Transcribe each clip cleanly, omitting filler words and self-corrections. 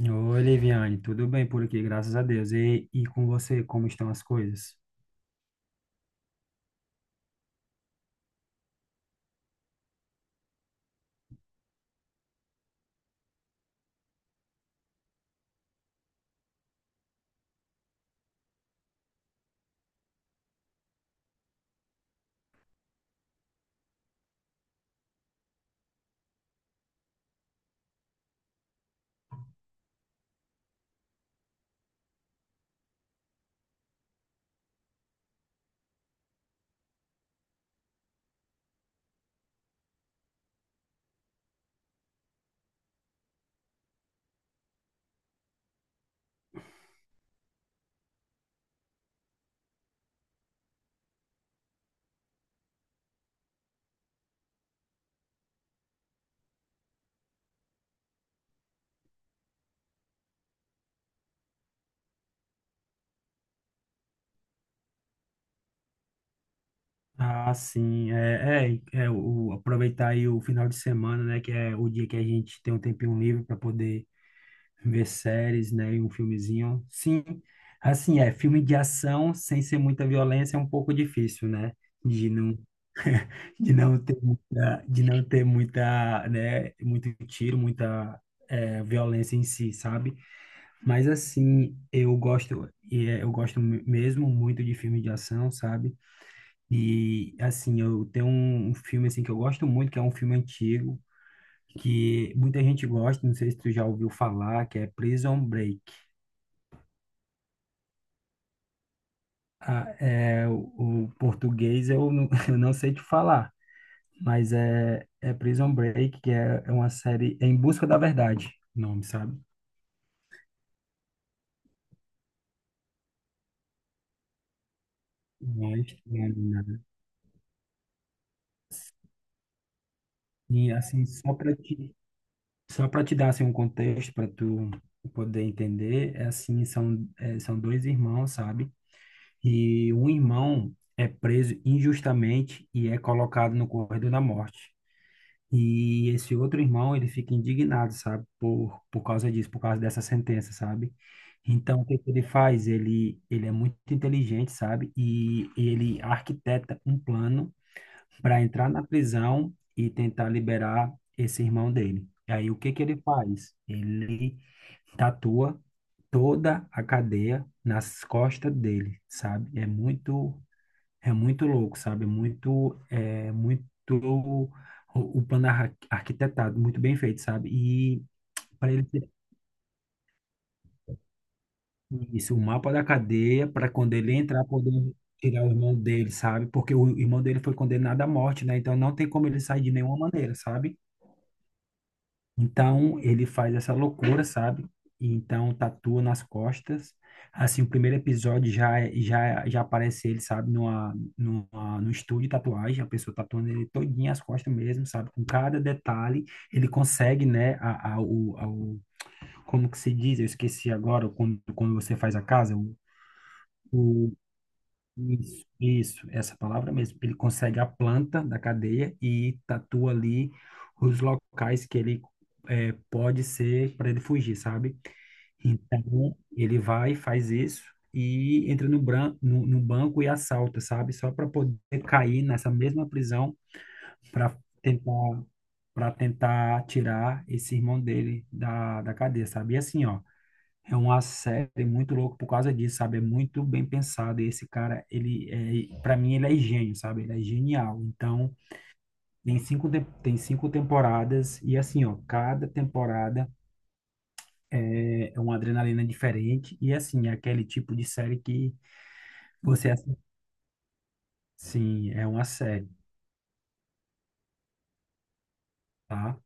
Oi, Liviane, tudo bem por aqui, graças a Deus. E com você, como estão as coisas? Ah, sim, aproveitar aí o final de semana, né, que é o dia que a gente tem um tempinho livre para poder ver séries, né, e um filmezinho. Sim, assim, é, filme de ação sem ser muita violência é um pouco difícil, né, de não, de não ter muita, de não ter muita, né, muito tiro, muita, é, violência em si, sabe? Mas assim, eu gosto mesmo muito de filme de ação, sabe? E assim, eu tenho um filme assim que eu gosto muito, que é um filme antigo, que muita gente gosta, não sei se tu já ouviu falar, que é Prison Break. Ah, é, o português eu não, eu não sei te falar, mas é Prison Break, é uma série é Em Busca da Verdade, o nome, sabe? Mas, né, e assim, só para te Só para te dar assim um contexto para tu poder entender, é assim, são dois irmãos, sabe? E um irmão é preso injustamente e é colocado no corredor da morte. E esse outro irmão, ele fica indignado, sabe? Por causa disso, por causa dessa sentença, sabe? Então, o que que ele faz? Ele é muito inteligente, sabe? E ele arquiteta um plano para entrar na prisão e tentar liberar esse irmão dele. E aí o que que ele faz? Ele tatua toda a cadeia nas costas dele, sabe? É muito louco, sabe? O, o plano arquitetado, muito bem feito, sabe? E para ele ter isso, o mapa da cadeia para quando ele entrar poder tirar o irmão dele, sabe? Porque o irmão dele foi condenado à morte, né? Então não tem como ele sair de nenhuma maneira, sabe? Então ele faz essa loucura, sabe? E então tatua nas costas. Assim, o primeiro episódio já é- já já aparece ele, sabe, no estúdio de tatuagem, a pessoa tatuando ele todinho as costas mesmo, sabe? Com cada detalhe, ele consegue, né, como que se diz? Eu esqueci agora, quando você faz a casa, o, isso, isso, essa palavra mesmo. Ele consegue a planta da cadeia e tatua ali os locais que ele é, pode ser para ele fugir, sabe? Então, ele vai, faz isso e entra no, bran no, no banco e assalta, sabe? Só para poder cair nessa mesma prisão para tentar, para tentar tirar esse irmão dele da cadeia, sabe? E assim, ó. É uma série muito louca por causa disso, sabe? É muito bem pensado. E esse cara, ele é, para mim, ele é gênio, sabe? Ele é genial. Então, tem cinco temporadas e assim, ó, cada temporada é uma adrenalina diferente e assim, é aquele tipo de série que você assim, sim, é uma série, tá?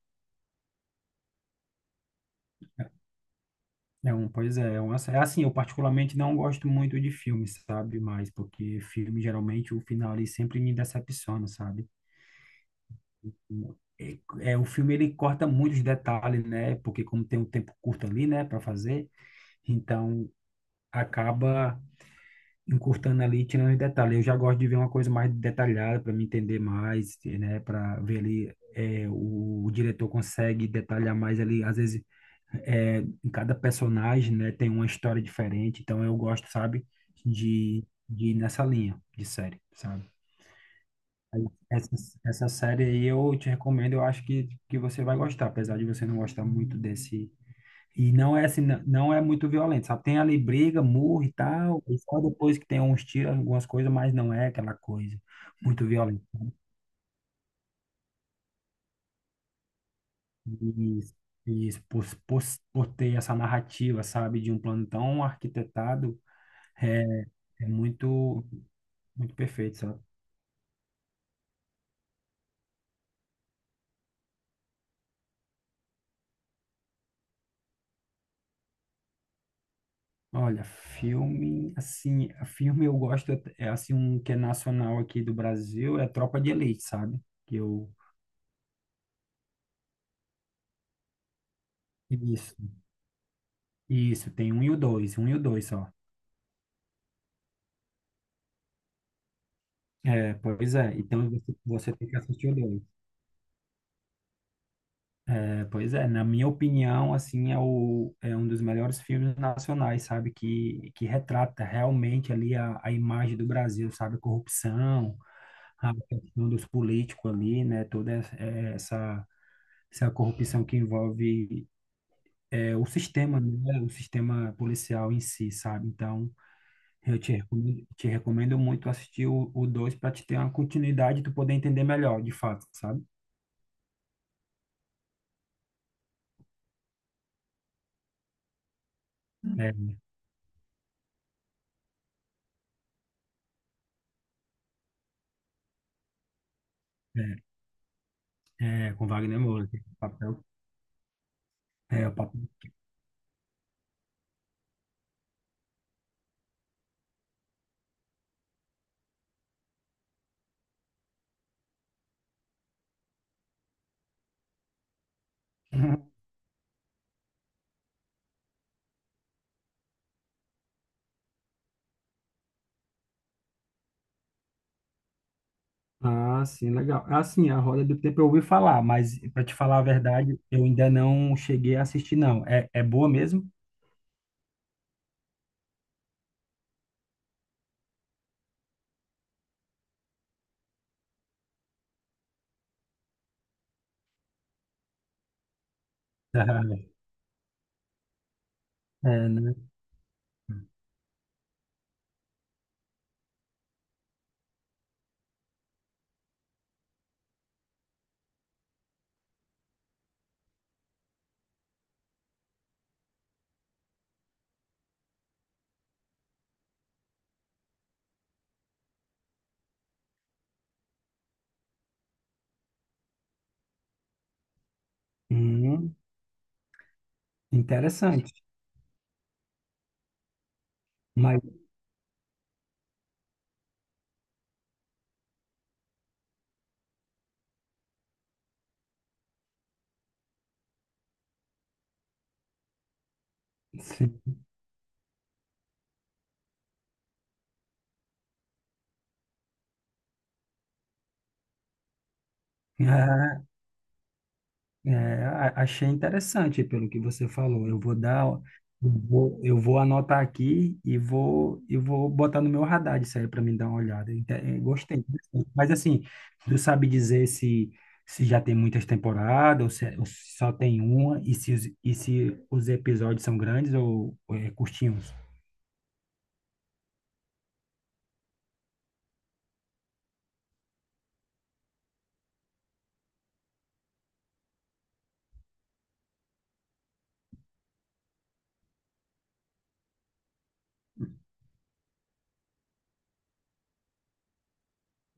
É um, pois é, é uma série. Assim, eu particularmente não gosto muito de filmes, sabe? Mas porque filme geralmente o final ali sempre me decepciona, sabe? é, é, o filme ele corta muitos detalhes, né? Porque como tem um tempo curto ali, né, para fazer, então acaba encurtando ali, tirando os detalhes. Eu já gosto de ver uma coisa mais detalhada para me entender mais, né? Para ver ali é, o diretor consegue detalhar mais ali, às vezes é, em cada personagem, né, tem uma história diferente. Então eu gosto, sabe, de ir nessa linha de série, sabe? Essa, essa série aí eu te recomendo, eu acho que você vai gostar, apesar de você não gostar muito desse. E não é assim, não é muito violento, sabe? Tem ali briga, murro e tal, e só depois que tem uns tiros, algumas coisas, mas não é aquela coisa muito violenta. E, e isso, por, por, por ter essa narrativa, sabe, de um plano tão arquitetado, é, é muito, muito perfeito, sabe? Olha, filme, assim, filme eu gosto, é assim, um que é nacional aqui do Brasil, é Tropa de Elite, sabe? Que eu, isso, isso, tem um e o dois, um e o dois só. É, pois é, então você tem que assistir o dois. É, pois é, na minha opinião, assim, é, é um dos melhores filmes nacionais, sabe? Que retrata realmente ali a imagem do Brasil, sabe? A corrupção, a questão dos políticos ali, né? Toda essa essa corrupção que envolve é, o sistema, né? O sistema policial em si, sabe? Então, eu te recomendo muito assistir o dois para te ter uma continuidade e tu poder entender melhor, de fato, sabe? É, é, com Wagner Moura, que é o papel. É, o papel. Ah, sim, legal. Assim, a Roda do Tempo eu ouvi falar, mas para te falar a verdade, eu ainda não cheguei a assistir, não. É, é boa mesmo? É, né? Hum, interessante. Mas, sim. É, achei interessante pelo que você falou. Eu vou anotar aqui e vou botar no meu radar isso aí para mim dar uma olhada. Gostei. Interessante. Mas assim, tu sabe dizer se, se já tem muitas temporadas ou se, é, ou se só tem uma e se, e se os episódios são grandes ou é, curtinhos?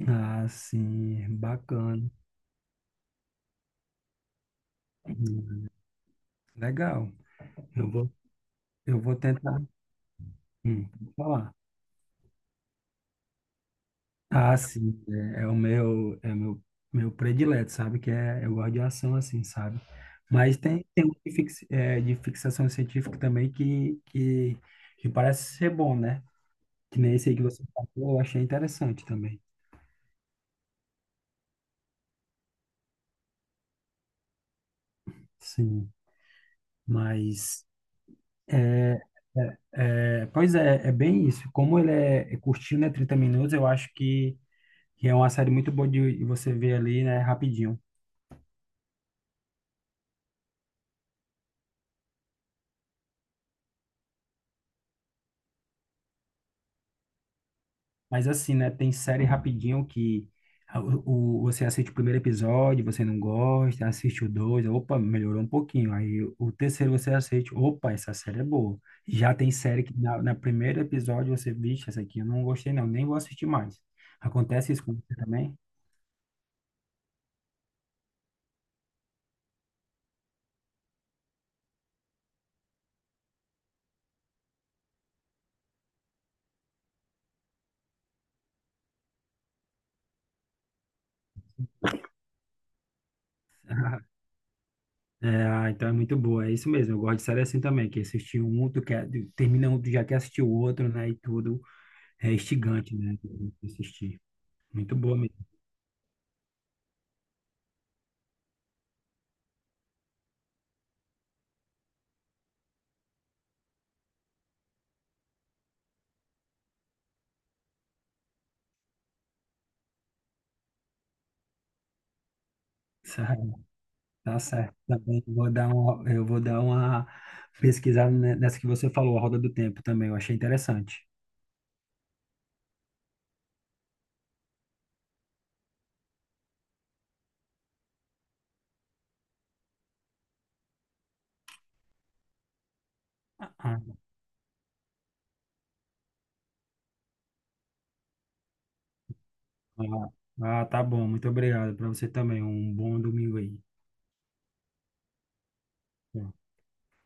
Ah, sim, bacana. Hum, Legal. Eu vou, eu vou tentar. Vou falar. Ah, sim, é o meu, meu predileto, sabe? Que é, eu gosto de ação assim, sabe? Mas tem um de, de fixação científica também que parece ser bom, né? Que nem esse aí que você falou, eu achei interessante também. Sim, mas é, pois é, é bem isso. Como ele é, é curtinho, né? 30 minutos, eu acho que é uma série muito boa de você ver ali, né? Rapidinho. Mas assim, né? Tem série rapidinho que você assiste o primeiro episódio, você não gosta, assiste o dois, opa, melhorou um pouquinho. Aí o terceiro você assiste, opa, essa série é boa. Já tem série que na primeiro episódio você, bicho, essa aqui eu não gostei não, nem vou assistir mais. Acontece isso com você também? É, ah, então é muito boa, é isso mesmo. Eu gosto de série assim também, que é assistir um, tu quer, termina um, tu já quer assistir o outro, né? E tudo é instigante, né? Assistir. Muito boa mesmo. Tá certo, também vou dar um, eu vou dar uma pesquisada nessa que você falou, a Roda do Tempo também, eu achei interessante. Ah, ah, ah, tá bom, muito obrigado para você também, um bom domingo aí.